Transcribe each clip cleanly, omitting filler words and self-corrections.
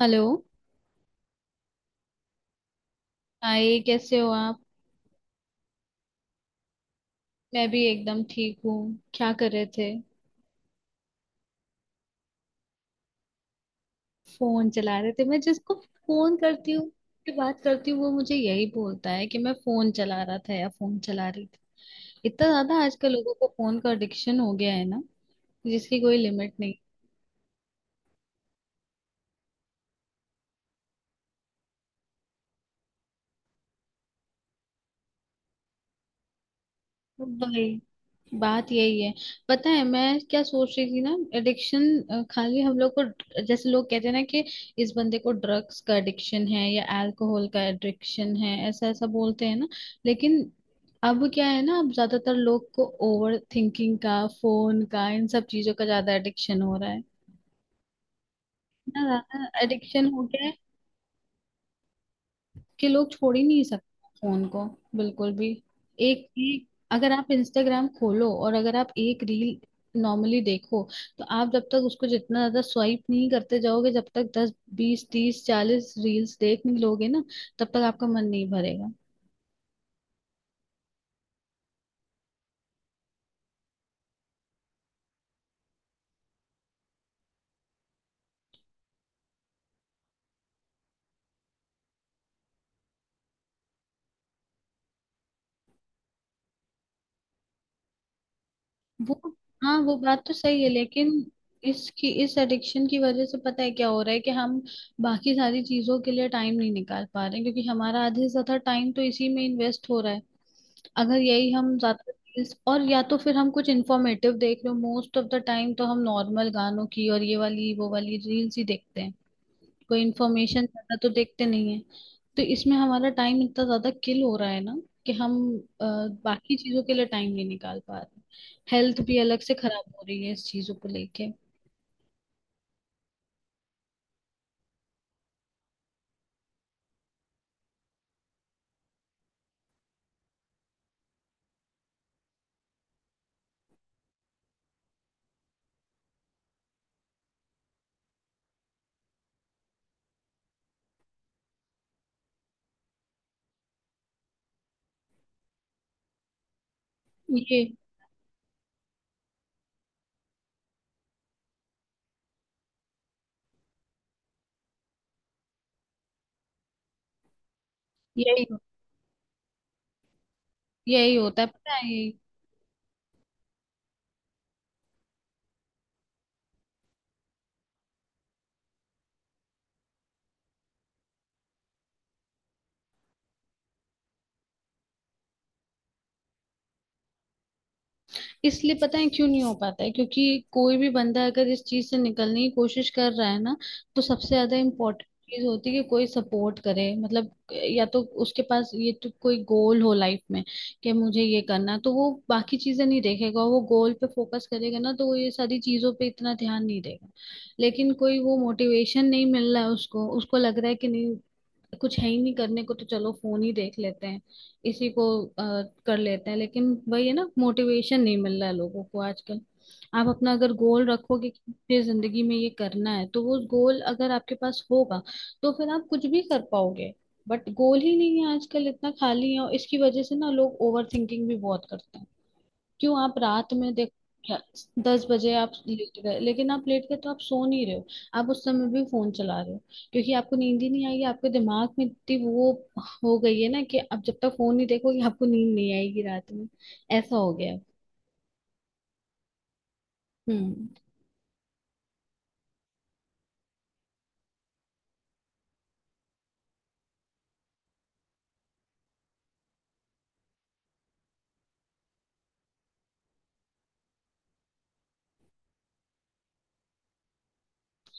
Hello. Hi, कैसे हो आप? मैं भी एकदम ठीक हूँ। क्या कर रहे थे? फोन चला रहे थे। मैं जिसको फोन करती हूँ की बात करती हूँ, वो मुझे यही बोलता है कि मैं फोन चला रहा था या फोन चला रही थी। इतना ज्यादा आजकल लोगों को फोन का एडिक्शन हो गया है ना, जिसकी कोई लिमिट नहीं। भाई, बात यही है। पता है मैं क्या सोच रही थी ना, एडिक्शन खाली हम लोग को, जैसे लोग कहते हैं ना कि इस बंदे को ड्रग्स का एडिक्शन है या अल्कोहल का एडिक्शन है, ऐसा ऐसा बोलते हैं ना। लेकिन अब क्या है ना, अब ज्यादातर लोग को ओवर थिंकिंग का, फोन का, इन सब चीजों का ज्यादा एडिक्शन हो रहा है। इतना ज्यादा एडिक्शन हो गया है कि लोग छोड़ ही नहीं सकते फोन को, बिल्कुल भी। एक एक, अगर आप इंस्टाग्राम खोलो और अगर आप एक रील नॉर्मली देखो, तो आप जब तक उसको, जितना ज्यादा स्वाइप नहीं करते जाओगे, जब तक 10 20 30 40 रील्स देख नहीं लोगे ना, तब तक आपका मन नहीं भरेगा। वो, हाँ वो बात तो सही है, लेकिन इसकी इस एडिक्शन की वजह से पता है क्या हो रहा है कि हम बाकी सारी चीजों के लिए टाइम नहीं निकाल पा रहे हैं, क्योंकि हमारा आधे से ज्यादा टाइम तो इसी में इन्वेस्ट हो रहा है। अगर यही हम ज्यादा और या तो फिर हम कुछ इंफॉर्मेटिव देख रहे हो, मोस्ट ऑफ द टाइम तो हम नॉर्मल गानों की और ये वाली वो वाली रील्स ही देखते हैं। कोई इंफॉर्मेशन ज्यादा तो देखते नहीं है। तो इसमें हमारा टाइम इतना ज्यादा किल हो रहा है ना, कि हम अ, बाकी चीजों के लिए टाइम नहीं निकाल पा रहे। हेल्थ भी अलग से खराब हो रही है इस चीजों को लेके। ये यही यही होता है, पता है। इसलिए पता है क्यों नहीं हो पाता है, क्योंकि कोई भी बंदा अगर इस चीज से निकलने की कोशिश कर रहा है ना, तो सबसे ज्यादा इम्पोर्टेंट चीज होती है कि कोई सपोर्ट करे, मतलब या तो उसके पास ये तो कोई गोल हो लाइफ में कि मुझे ये करना है, तो वो बाकी चीजें नहीं देखेगा, वो गोल पे फोकस करेगा ना, तो वो ये सारी चीजों पे इतना ध्यान नहीं देगा। लेकिन कोई वो मोटिवेशन नहीं मिल रहा है उसको, उसको लग रहा है कि नहीं, कुछ है ही नहीं करने को, तो चलो फोन ही देख लेते हैं, इसी को कर लेते हैं। लेकिन वही है ना, मोटिवेशन नहीं मिल रहा है लोगों को आजकल। आप अपना अगर गोल रखोगे कि मुझे जिंदगी में ये करना है, तो वो गोल अगर आपके पास होगा, तो फिर आप कुछ भी कर पाओगे। बट गोल ही नहीं है आजकल, इतना खाली है, और इसकी वजह से ना लोग ओवर थिंकिंग भी बहुत करते हैं। क्यों? आप रात में देख क्या- 10 बजे आप लेट गए, लेकिन आप लेट गए तो आप सो नहीं रहे हो। आप उस समय भी फोन चला रहे हो, क्योंकि आपको नींद ही नहीं आई है, आपके दिमाग में इतनी वो हो गई है ना, कि आप जब तक फोन नहीं देखोगे आपको नींद नहीं आएगी रात में। ऐसा हो गया है। हम्म।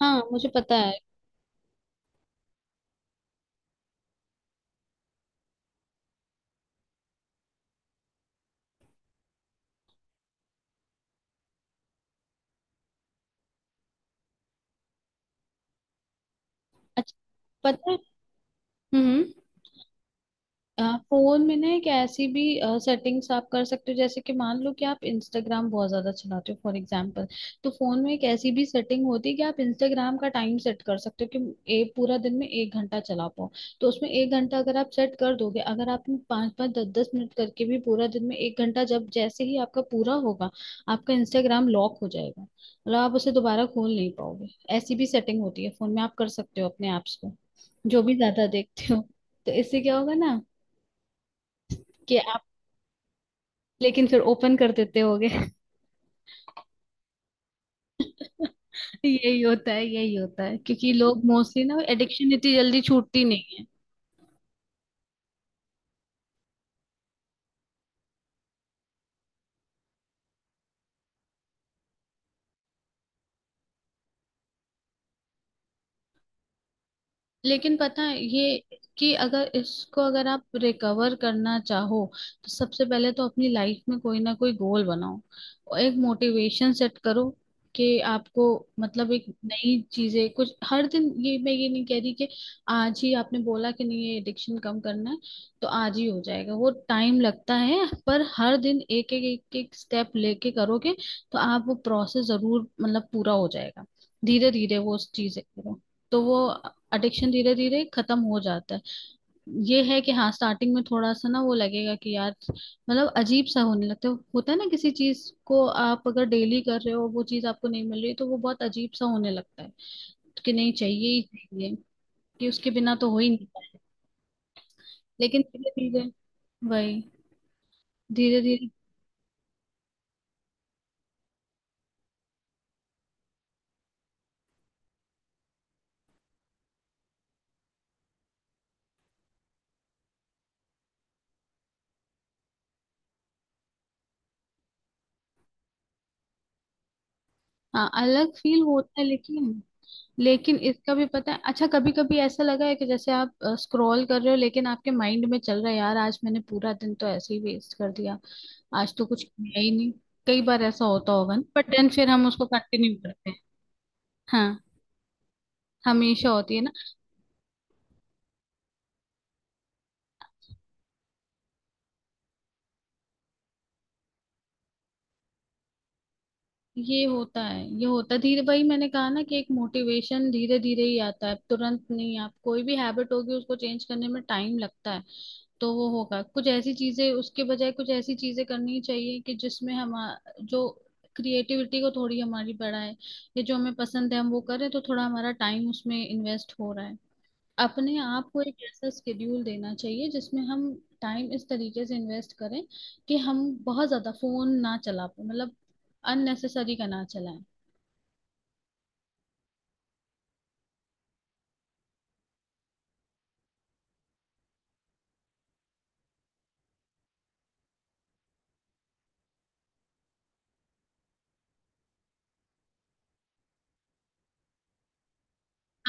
हाँ मुझे पता है। अच्छा। पता है। हम्म। फोन में ना एक ऐसी भी सेटिंग्स आप कर सकते हो, जैसे कि मान लो कि आप इंस्टाग्राम बहुत ज्यादा चलाते हो फॉर एग्जांपल, तो फोन में एक ऐसी भी सेटिंग होती है कि आप इंस्टाग्राम का टाइम सेट कर सकते हो कि एक पूरा दिन में 1 घंटा चला पाओ। तो उसमें 1 घंटा अगर आप सेट कर दोगे, अगर आपने 5 5 10 10 मिनट करके भी पूरा दिन में एक घंटा, जब जैसे ही आपका पूरा होगा, आपका इंस्टाग्राम लॉक हो जाएगा, मतलब आप उसे दोबारा खोल नहीं पाओगे। ऐसी भी सेटिंग होती है फोन में, आप कर सकते हो अपने ऐप्स को, जो भी ज्यादा देखते हो। तो इससे क्या होगा ना कि आप, लेकिन फिर ओपन कर देते होगे यही होता है, यही होता है, क्योंकि लोग मोस्टली ना एडिक्शन इतनी जल्दी छूटती नहीं। लेकिन पता है ये, कि अगर इसको, अगर आप रिकवर करना चाहो, तो सबसे पहले तो अपनी लाइफ में कोई ना कोई गोल बनाओ और एक मोटिवेशन सेट करो कि आपको, मतलब एक नई चीजें कुछ हर दिन। ये मैं ये नहीं कह रही कि आज ही आपने बोला कि नहीं, ये एडिक्शन कम करना है तो आज ही हो जाएगा, वो टाइम लगता है। पर हर दिन एक एक एक एक स्टेप लेके करोगे, तो आप वो प्रोसेस जरूर, मतलब, पूरा हो जाएगा। धीरे धीरे वो चीजें करो, तो वो एडिक्शन धीरे धीरे खत्म हो जाता है। ये है कि हाँ, स्टार्टिंग में थोड़ा सा ना वो लगेगा कि यार मतलब अजीब सा होने लगता है। होता है ना, किसी चीज को आप अगर डेली कर रहे हो वो चीज आपको नहीं मिल रही, तो वो बहुत अजीब सा होने लगता है, कि नहीं, चाहिए ही चाहिए, कि उसके बिना तो हो ही नहीं पाए। लेकिन धीरे धीरे, वही, धीरे धीरे। हाँ अलग फील होता है, लेकिन लेकिन इसका भी पता है, अच्छा, कभी कभी ऐसा लगा है कि जैसे आप स्क्रॉल कर रहे हो, लेकिन आपके माइंड में चल रहा है यार आज मैंने पूरा दिन तो ऐसे ही वेस्ट कर दिया, आज तो कुछ किया ही नहीं। कई बार ऐसा होता होगा ना, बट देन फिर हम उसको कंटिन्यू करते हैं। हाँ। हमेशा होती है ना। ये होता है, ये होता है, धीरे भाई, मैंने कहा ना कि एक मोटिवेशन धीरे धीरे ही आता है, तुरंत नहीं। आप कोई भी हैबिट होगी उसको चेंज करने में टाइम लगता है। तो वो होगा कुछ ऐसी चीजें, उसके बजाय कुछ ऐसी चीजें करनी चाहिए कि जिसमें हम, जो क्रिएटिविटी को थोड़ी हमारी बढ़ाए, या जो हमें पसंद है हम वो करें, तो थोड़ा हमारा टाइम उसमें इन्वेस्ट हो रहा है। अपने आप को एक ऐसा स्केड्यूल देना चाहिए जिसमें हम टाइम इस तरीके से इन्वेस्ट करें, कि हम बहुत ज्यादा फोन ना चला पाए, मतलब अननेसेसरी का ना चलाएं।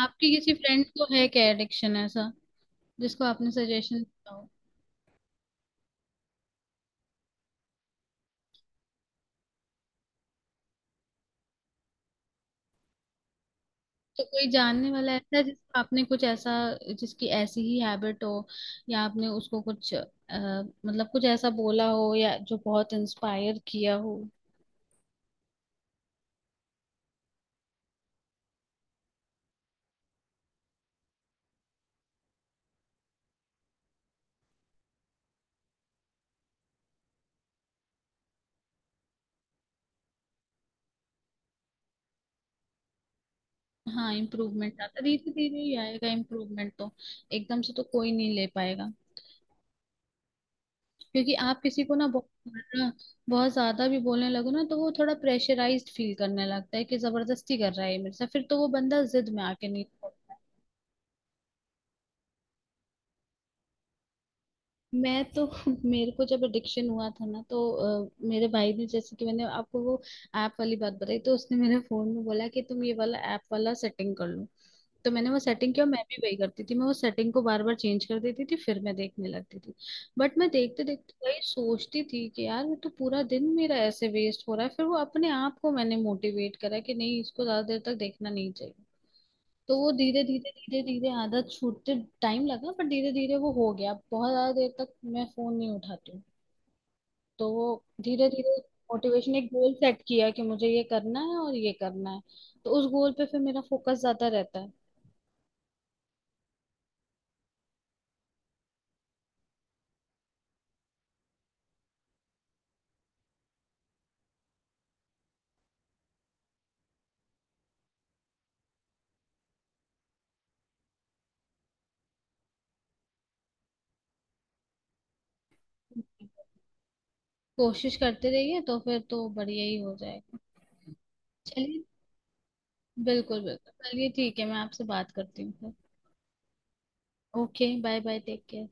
आपके किसी फ्रेंड को है क्या एडिक्शन ऐसा जिसको आपने सजेशन दिया हो? तो कोई जानने वाला ऐसा है जिसको आपने कुछ ऐसा, जिसकी ऐसी ही हैबिट हो, या आपने उसको कुछ मतलब कुछ ऐसा बोला हो, या जो बहुत इंस्पायर किया हो? हाँ, इम्प्रूवमेंट आता, धीरे धीरे ही आएगा इम्प्रूवमेंट तो, एकदम से तो कोई नहीं ले पाएगा। क्योंकि आप किसी को ना बहुत ज्यादा भी बोलने लगो ना, तो वो थोड़ा प्रेशराइज्ड फील करने लगता है कि जबरदस्ती कर रहा है ये मेरे साथ, फिर तो वो बंदा जिद में आके नहीं छोड़ता। मैं तो मेरे को जब एडिक्शन हुआ था ना, तो मेरे भाई ने, जैसे कि मैंने आपको वो ऐप वाली बात बताई, तो उसने मेरे फोन में बोला कि तुम ये वाला ऐप वाला सेटिंग कर लो। तो मैंने वो सेटिंग किया। मैं भी वही करती थी, मैं वो सेटिंग को बार बार चेंज कर देती थी, फिर मैं देखने लगती थी। बट मैं देखते देखते वही सोचती थी कि यार ये तो पूरा दिन मेरा ऐसे वेस्ट हो रहा है, फिर वो अपने आप को मैंने मोटिवेट करा कि नहीं, इसको ज्यादा देर तक देखना नहीं चाहिए। तो वो धीरे धीरे धीरे धीरे आदत छूटते, टाइम लगा पर धीरे धीरे वो हो गया, बहुत ज्यादा देर तक मैं फोन नहीं उठाती हूँ। तो वो, धीरे धीरे, मोटिवेशन एक गोल सेट किया कि मुझे ये करना है और ये करना है, तो उस गोल पे फिर मेरा फोकस ज्यादा रहता है। कोशिश करते रहिए तो फिर तो बढ़िया ही हो जाएगा। चलिए, बिल्कुल बिल्कुल, चलिए ठीक है, मैं आपसे बात करती हूँ फिर। Okay, bye bye, take care.